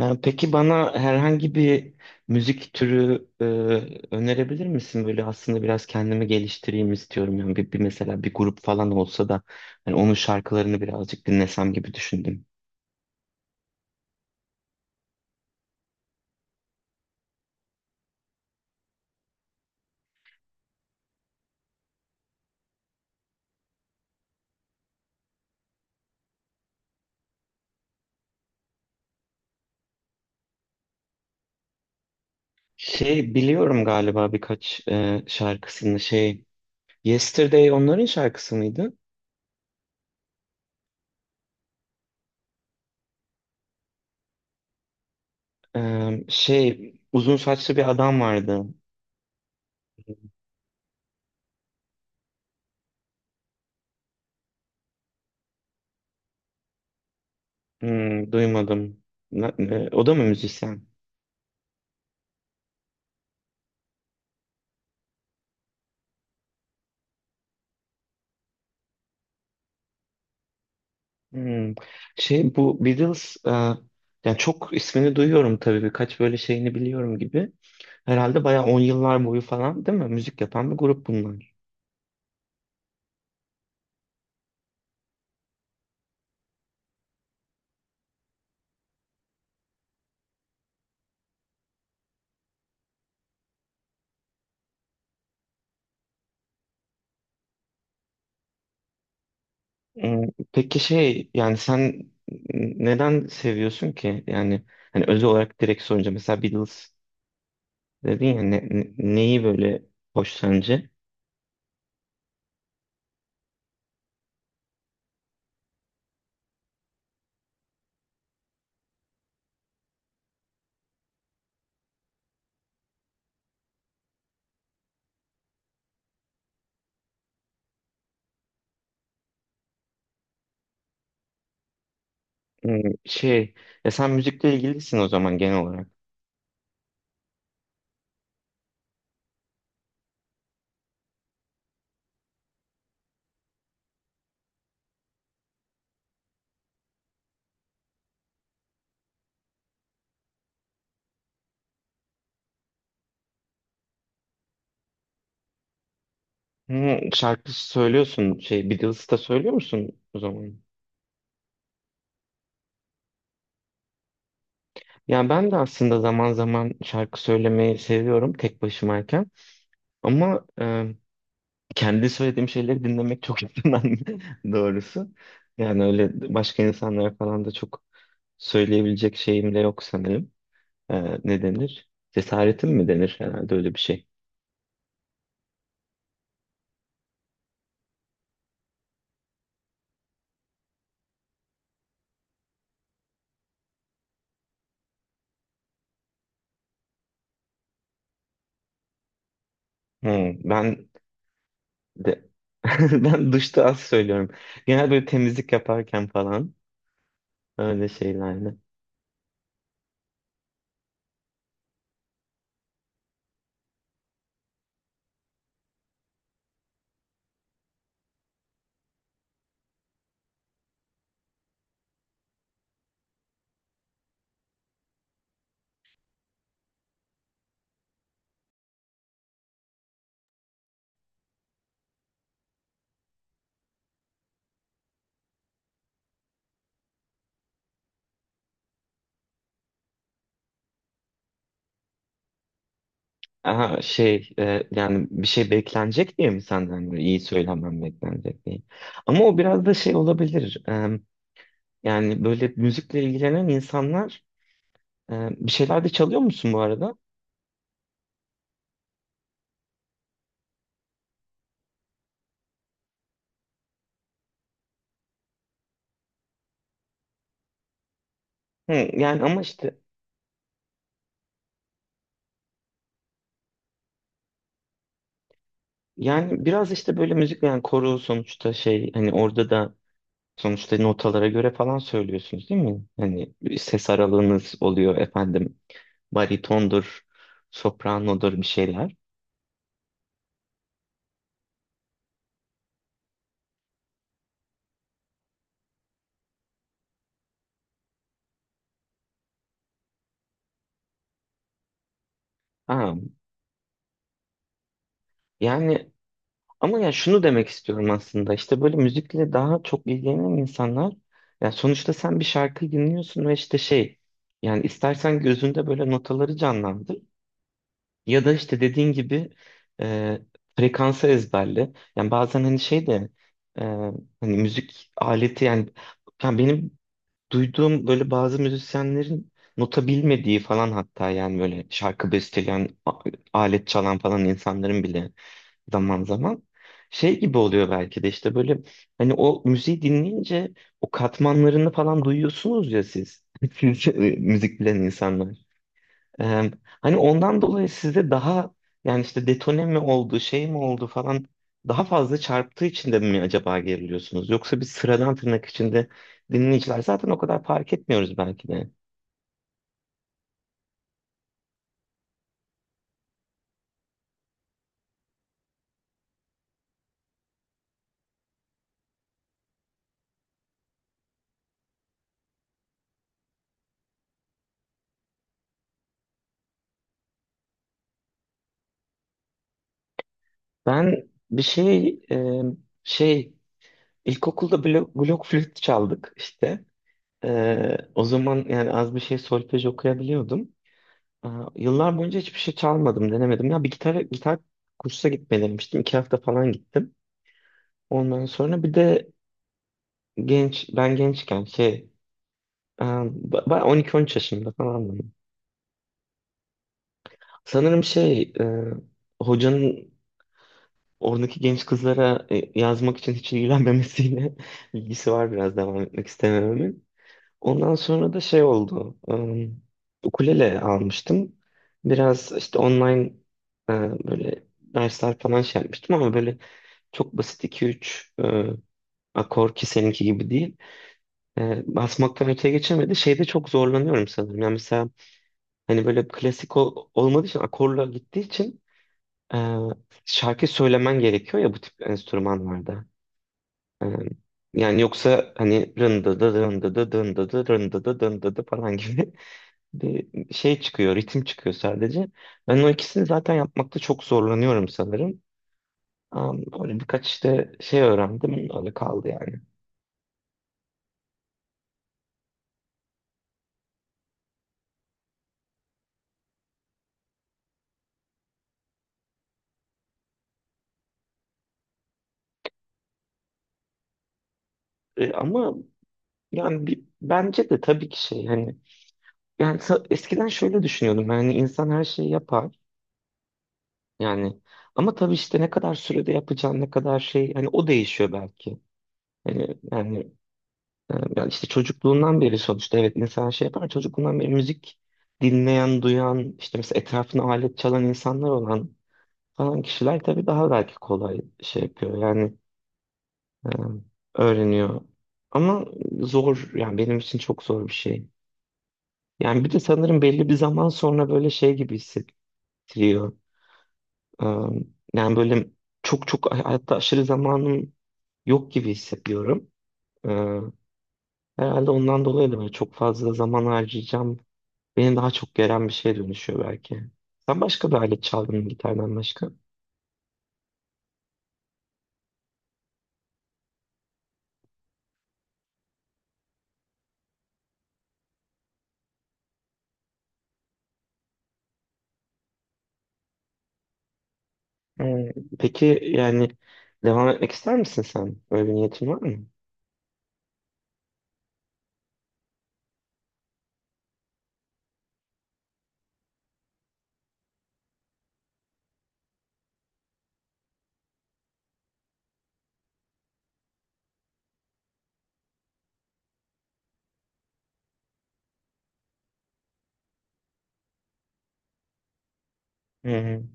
Peki bana herhangi bir müzik türü önerebilir misin? Böyle aslında biraz kendimi geliştireyim istiyorum. Yani bir mesela bir grup falan olsa da hani onun şarkılarını birazcık dinlesem gibi düşündüm. Şey biliyorum galiba birkaç şarkısını şey, Yesterday onların şarkısı mıydı? Şey, uzun saçlı bir adam vardı. Hmm, duymadım. O da mı müzisyen? Hmm. Şey, bu Beatles yani çok ismini duyuyorum tabii birkaç böyle şeyini biliyorum gibi. Herhalde bayağı 10 yıllar boyu falan değil mi? Müzik yapan bir grup bunlar. Hmm, peki şey yani sen neden seviyorsun ki? Yani hani özel olarak direkt sorunca mesela Beatles dedin ya neyi böyle hoş sence? Hmm, şey, ya sen müzikle ilgilisin o zaman genel olarak. Hmm, şarkı söylüyorsun şey, Beatles'ı da söylüyor musun o zaman? Ya ben de aslında zaman zaman şarkı söylemeyi seviyorum tek başımayken. Ama kendi söylediğim şeyleri dinlemek çok yakından doğrusu. Yani öyle başka insanlara falan da çok söyleyebilecek şeyim de yok sanırım. E, ne denir? Cesaretim mi denir herhalde, öyle bir şey. Hmm, ben de ben duşta az söylüyorum. Genel böyle temizlik yaparken falan, öyle şeylerle. Aha şey, yani bir şey beklenecek diye mi, senden böyle iyi söylemem beklenecek diye. Ama o biraz da şey olabilir. E, yani böyle müzikle ilgilenen insanlar, bir şeyler de çalıyor musun bu arada? Hı, yani ama işte yani biraz işte böyle müzik, yani koro sonuçta şey, hani orada da sonuçta notalara göre falan söylüyorsunuz değil mi? Hani ses aralığınız oluyor, efendim baritondur, sopranodur bir şeyler. Ha, yani ama ya şunu demek istiyorum aslında, işte böyle müzikle daha çok ilgilenen insanlar, ya sonuçta sen bir şarkı dinliyorsun ve işte şey, yani istersen gözünde böyle notaları canlandır ya da işte dediğin gibi e, frekansı ezberle. Yani bazen hani şey de e, hani müzik aleti yani, yani benim duyduğum böyle bazı müzisyenlerin nota bilmediği falan, hatta yani böyle şarkı besteleyen alet çalan falan insanların bile zaman zaman şey gibi oluyor belki de, işte böyle hani o müziği dinleyince o katmanlarını falan duyuyorsunuz ya siz. Siz müzik bilen insanlar. Ee, hani ondan dolayı sizde daha, yani işte detone mi oldu, şey mi oldu falan, daha fazla çarptığı için de mi acaba geriliyorsunuz? Yoksa biz sıradan, tırnak içinde, dinleyiciler zaten o kadar fark etmiyoruz belki de. Ben bir şey şey, ilkokulda blok flüt çaldık işte. O zaman yani az bir şey solfej okuyabiliyordum. Ee, Yıllar boyunca hiçbir şey çalmadım, denemedim. Ya bir gitar kursa gitmeyi denemiştim. İki hafta falan gittim. Ondan sonra bir de genç, ben gençken şey, 12-13 yaşımda falan. Sanırım şey, hocanın oradaki genç kızlara yazmak için hiç ilgilenmemesiyle ilgisi var, biraz devam etmek istemememin. Ondan sonra da şey oldu. Ukulele almıştım. Biraz işte online e, böyle dersler falan şey yapmıştım ama böyle çok basit iki üç akor, ki seninki gibi değil. E, basmaktan öteye geçemedi. Şeyde çok zorlanıyorum sanırım. Yani mesela hani böyle klasik olmadığı için, akorla gittiği için e, şarkı söylemen gerekiyor ya bu tip enstrümanlarda. E, yani yoksa hani rındı dı rındı dı rındı dı rındı dı rındı dı falan gibi bir şey çıkıyor, ritim çıkıyor sadece. Ben o ikisini zaten yapmakta çok zorlanıyorum sanırım. Böyle birkaç işte şey öğrendim, öyle kaldı yani. E, ama yani bir, bence de tabii ki şey, hani yani eskiden şöyle düşünüyordum, yani insan her şeyi yapar yani, ama tabii işte ne kadar sürede yapacağın, ne kadar şey, hani o değişiyor belki. Hani yani, yani işte çocukluğundan beri sonuçta evet, insan şey yapar, çocukluğundan beri müzik dinleyen, duyan, işte mesela etrafına alet çalan insanlar olan falan kişiler tabii daha belki kolay şey yapıyor yani e, öğreniyor. Ama zor yani, benim için çok zor bir şey. Yani bir de sanırım belli bir zaman sonra böyle şey gibi hissettiriyor. E, yani böyle çok çok hayatta aşırı zamanım yok gibi hissediyorum. E, herhalde ondan dolayı da böyle çok fazla zaman harcayacağım, beni daha çok geren bir şeye dönüşüyor belki. Sen başka bir alet çaldın mı gitardan başka? Ee, peki yani, devam etmek ister misin sen? Böyle bir niyetin var mı? Hı hı.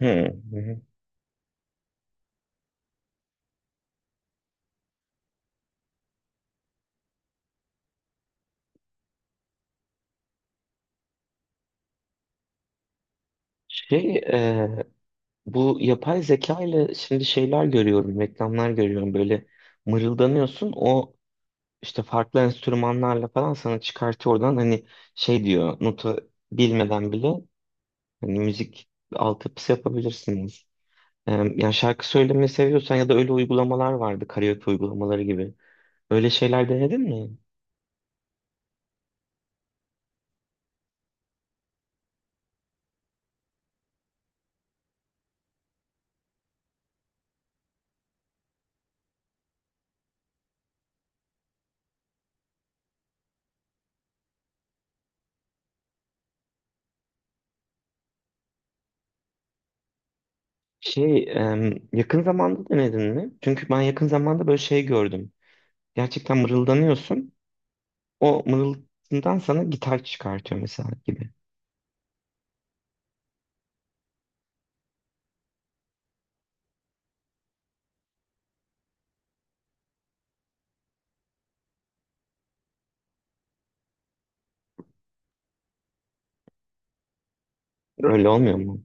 Hı hı. Şey, bu yapay zeka ile şimdi şeyler görüyorum, reklamlar görüyorum, böyle mırıldanıyorsun, o işte farklı enstrümanlarla falan sana çıkartıyor, oradan hani şey diyor, notu bilmeden bile hani müzik altyapısı yapabilirsiniz. E, yani şarkı söylemeyi seviyorsan, ya da öyle uygulamalar vardı, karaoke uygulamaları gibi. Öyle şeyler denedin mi? Şey, yakın zamanda denedin mi? Çünkü ben yakın zamanda böyle şey gördüm. Gerçekten mırıldanıyorsun. O mırıltından sana gitar çıkartıyor mesela gibi. Öyle olmuyor mu?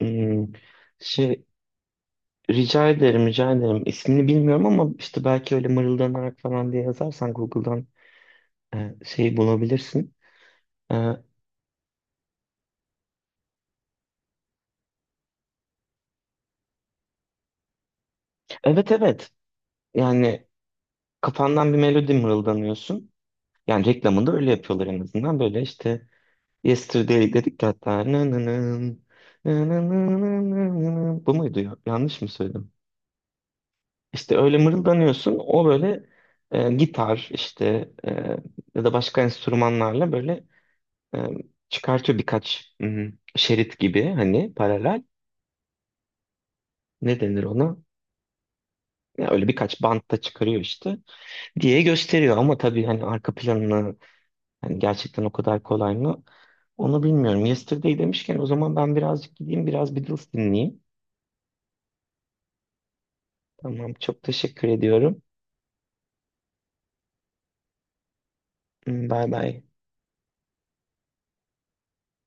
Hmm, şey, rica ederim. İsmini bilmiyorum ama işte belki öyle mırıldanarak falan diye yazarsan Google'dan şeyi bulabilirsin. E, evet, evet. Yani kafandan bir melodi mırıldanıyorsun. Yani reklamında öyle yapıyorlar en azından. Böyle işte Yesterday dedik ya hatta. Nananın. Bu muydu ya? Yanlış mı söyledim? İşte öyle mırıldanıyorsun. O böyle gitar işte ya da başka enstrümanlarla böyle e, çıkartıyor birkaç hmm, şerit gibi, hani paralel. Ne denir ona? Ya öyle birkaç bantta çıkarıyor işte diye gösteriyor ama tabii hani arka planını, hani gerçekten o kadar kolay mı, onu bilmiyorum. Yesterday demişken o zaman ben birazcık gideyim, biraz Beatles dinleyeyim. Tamam, çok teşekkür ediyorum. Hmm, bay bay.